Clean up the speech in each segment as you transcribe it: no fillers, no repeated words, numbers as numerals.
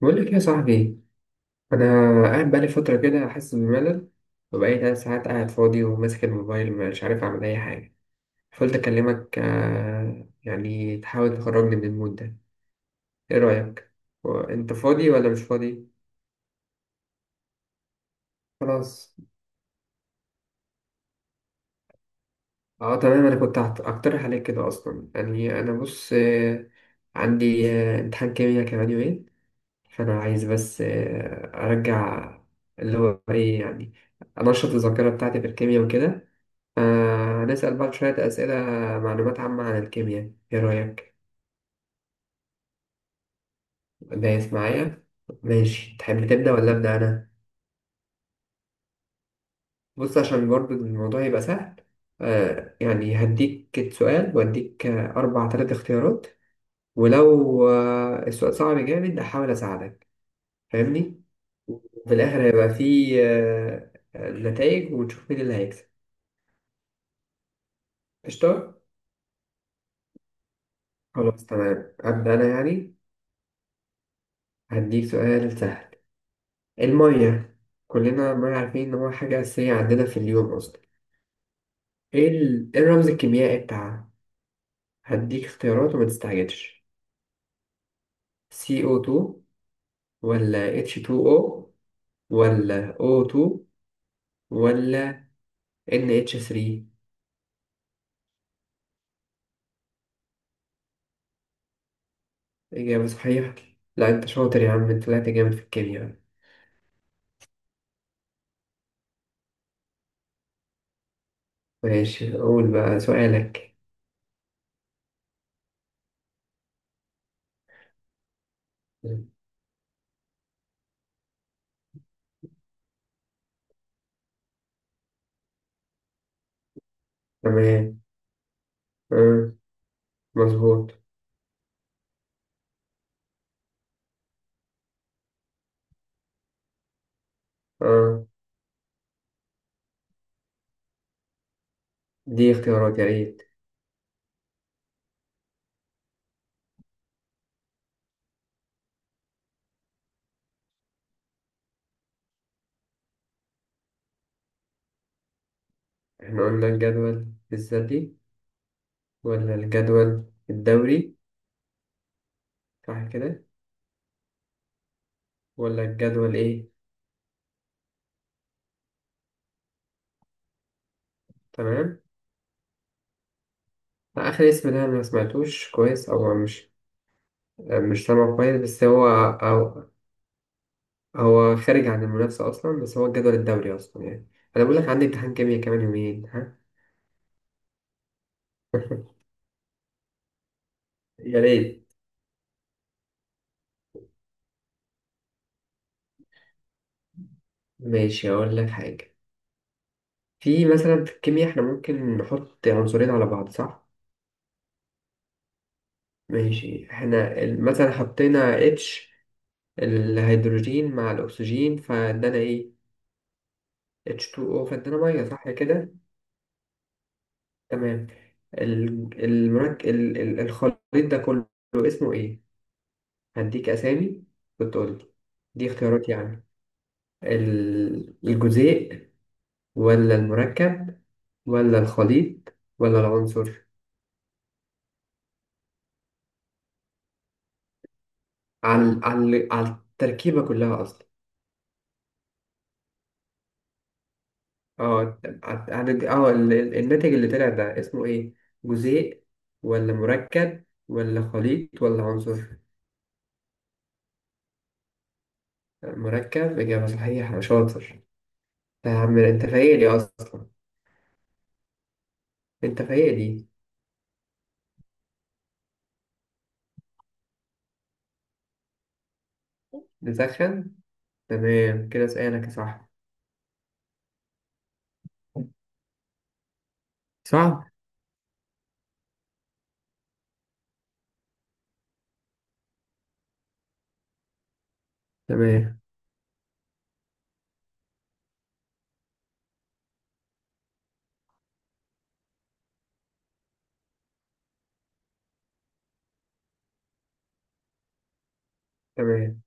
بقول لك يا صاحبي، انا قاعد بقالي فتره كده حاسس بملل. وبقالي ثلاث ساعات قاعد فاضي وماسك الموبايل مش عارف اعمل اي حاجه، فقلت اكلمك يعني تحاول تخرجني من المود ده. ايه رايك؟ انت فاضي ولا مش فاضي؟ خلاص. اه تمام، انا كنت اقترح عليك كده اصلا، يعني انا بص، عندي امتحان كيمياء كمان يومين، فانا عايز بس ارجع. اللي هو ايه يعني؟ انشط الذاكره بتاعتي في الكيمياء وكده. نسأل بعض شوية أسئلة، معلومات عامة عن الكيمياء. إيه رأيك؟ دايس معايا؟ ماشي، تحب تبدأ ولا أبدأ أنا؟ بص، عشان برضو الموضوع يبقى سهل، يعني هديك سؤال وأديك أربع تلات اختيارات. ولو السؤال صعب جامد أحاول أساعدك، فاهمني؟ وفي الآخر هيبقى فيه نتائج ونشوف مين اللي هيكسب. قشطة؟ خلاص تمام، أبدأ أنا يعني. هديك سؤال سهل. المية كلنا ما عارفين إن هو حاجة أساسية عندنا في اليوم أصلا. إيه الرمز الكيميائي بتاعها؟ هديك اختيارات وما تستعجلش. CO2 ولا H2O ولا O2 ولا NH3؟ إجابة صحيحة. لا أنت شاطر يا عم، أنت طلعت جامد في الكيمياء. ماشي، قول بقى سؤالك. تمام. أه. مظبوط. أه. دي اختيارات يا ريت. إحنا قلنا الجدول الذاتي ولا الجدول الدوري؟ صح كده. ولا الجدول ايه؟ تمام. اخر اسم ده أنا ما سمعتوش كويس، او مش سامعه كويس، بس هو أو... هو خارج عن المنافسه اصلا، بس هو الجدول الدوري اصلا يعني. انا بقول لك عندي امتحان كيمياء كمان يومين، ها. يا ريت. ماشي، اقول لك حاجه. في مثلا في الكيمياء احنا ممكن نحط عنصرين على بعض، صح؟ ماشي، احنا مثلا حطينا اتش، الهيدروجين مع الاكسجين، فادانا ايه؟ H2O، فادانا ميه صح كده. تمام. الخليط ده كله اسمه ايه؟ هديك اسامي وتقول لي. دي اختيارات يعني: الجزيء ولا المركب ولا الخليط ولا العنصر؟ على التركيبة كلها اصلا. الناتج اللي طلع ده اسمه ايه؟ جزيء ولا مركب ولا خليط ولا عنصر؟ مركب. إجابة صحيحة. شاطر يا عم، انت فايق لي اصلا. انت في ايه دي؟ نسخن. تمام كده، سؤالك يا صاحبي. صح. تمام تمام.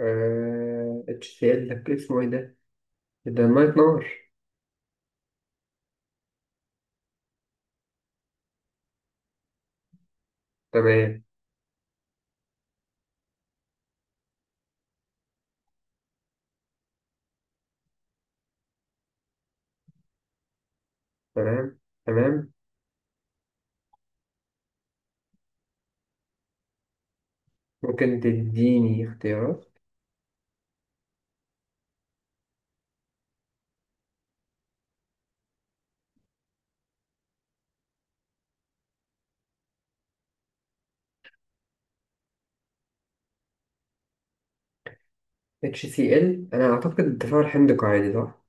اتشال لك اسمه ايه ده؟ ده ميه نار. تمام تمام تمام. ممكن تديني اختيارات؟ HCl، انا اعتقد التفاعل حمض قاعدي، صح.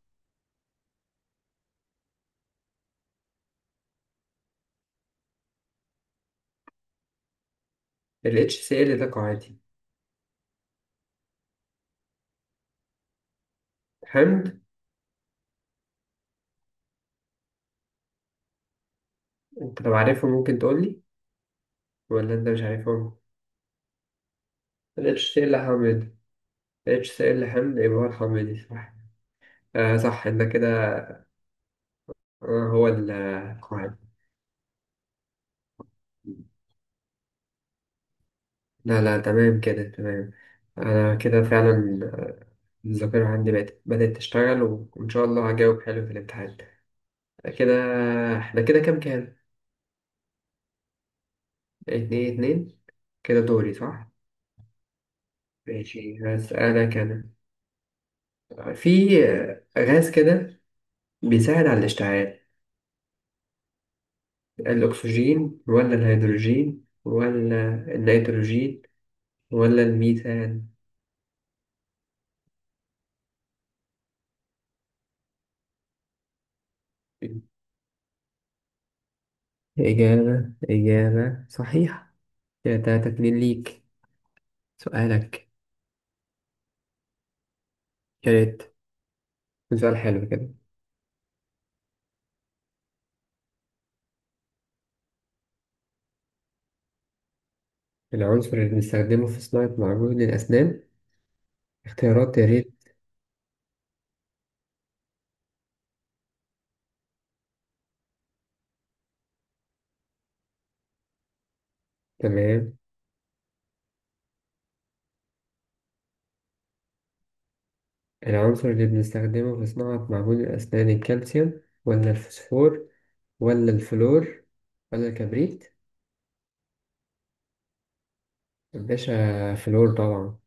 ال HCl ده قاعدي. حمض. انت لو عارفه ممكن تقول لي، ولا انت مش عارفهم؟ ال HCl حمض. HCl حمض، يبقى هو الحمض صح. آه صح انت كده. آه هو القاعدي. لا لا، تمام كده تمام. أنا كده فعلا الذاكرة عندي بقت بدأت تشتغل، وإن شاء الله هجاوب حلو في الامتحان كده. إحنا كده كام كام؟ اتنين اتنين. كده دوري، صح؟ ماشي، هسألك أنا. في غاز كده بيساعد على الاشتعال، الأكسجين ولا الهيدروجين ولا النيتروجين ولا الميثان؟ إجابة صحيحة. كده تلاتة اتنين ليك. سؤالك. يا ريت سؤال حلو كده. العنصر اللي بنستخدمه في صناعة معجون الأسنان؟ اختيارات يا ريت. تمام. العنصر اللي بنستخدمه في صناعة معجون الأسنان، الكالسيوم ولا الفوسفور ولا الفلور ولا الكبريت؟ يا باشا فلور طبعا.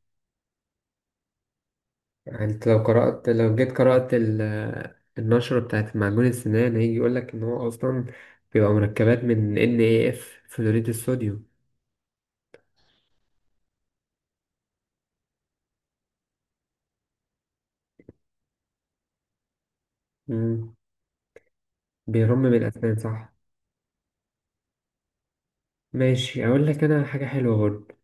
يعني انت لو جيت قرأت النشرة بتاعت معجون السنان، هيجي يقولك إن هو أصلا بيبقى مركبات من NAF، فلوريد الصوديوم. مم. بيرمم الأسنان، صح. ماشي، أقول لك أنا حاجة حلوة برضه.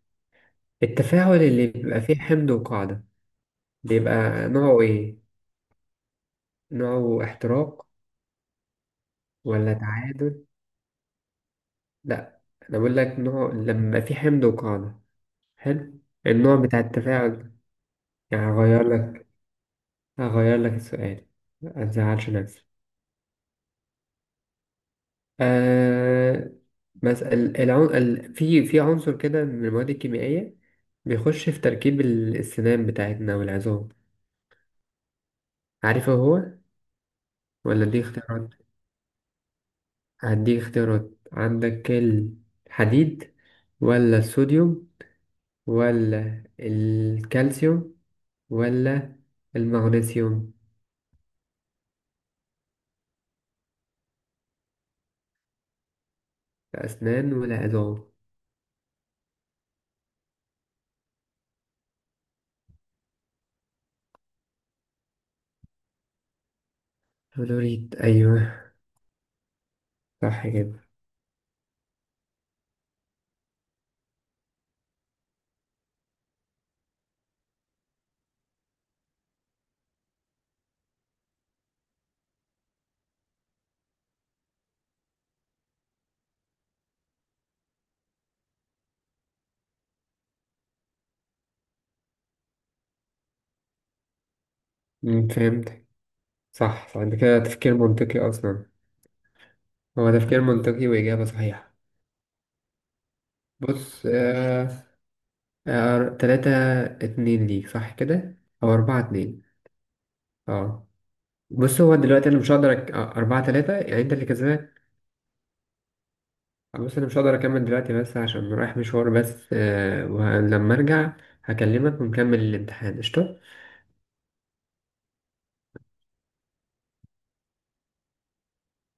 التفاعل اللي بيبقى فيه حمد وقاعدة بيبقى نوعه إيه؟ نوعه احتراق ولا تعادل؟ لأ، أنا بقول لك نوع لما في حمد وقاعدة، حلو؟ النوع بتاع التفاعل، يعني هغير لك السؤال، متزعلش نفسك. آه مثلا العن... ال... في في عنصر كده من المواد الكيميائية بيخش في تركيب السنان بتاعتنا والعظام، عارفه هو؟ ولا دي اختيارات؟ هديك اختيارات، عندك الحديد ولا الصوديوم ولا الكالسيوم ولا المغنيسيوم؟ لا أسنان ولا عظام. فلوريد، أيوه. صح كده. فهمت. صح صح، ده كده تفكير منطقي أصلا. هو تفكير منطقي وإجابة صحيحة. بص، آه تلاتة اتنين ليك، صح كده. أو أربعة اتنين. اه. بص، هو دلوقتي أنا مش هقدر أربعة تلاتة، يعني أنت اللي كسبان. بص انا مش هقدر اكمل دلوقتي بس عشان رايح مشوار، بس ولما ارجع هكلمك ونكمل الامتحان. قشطة.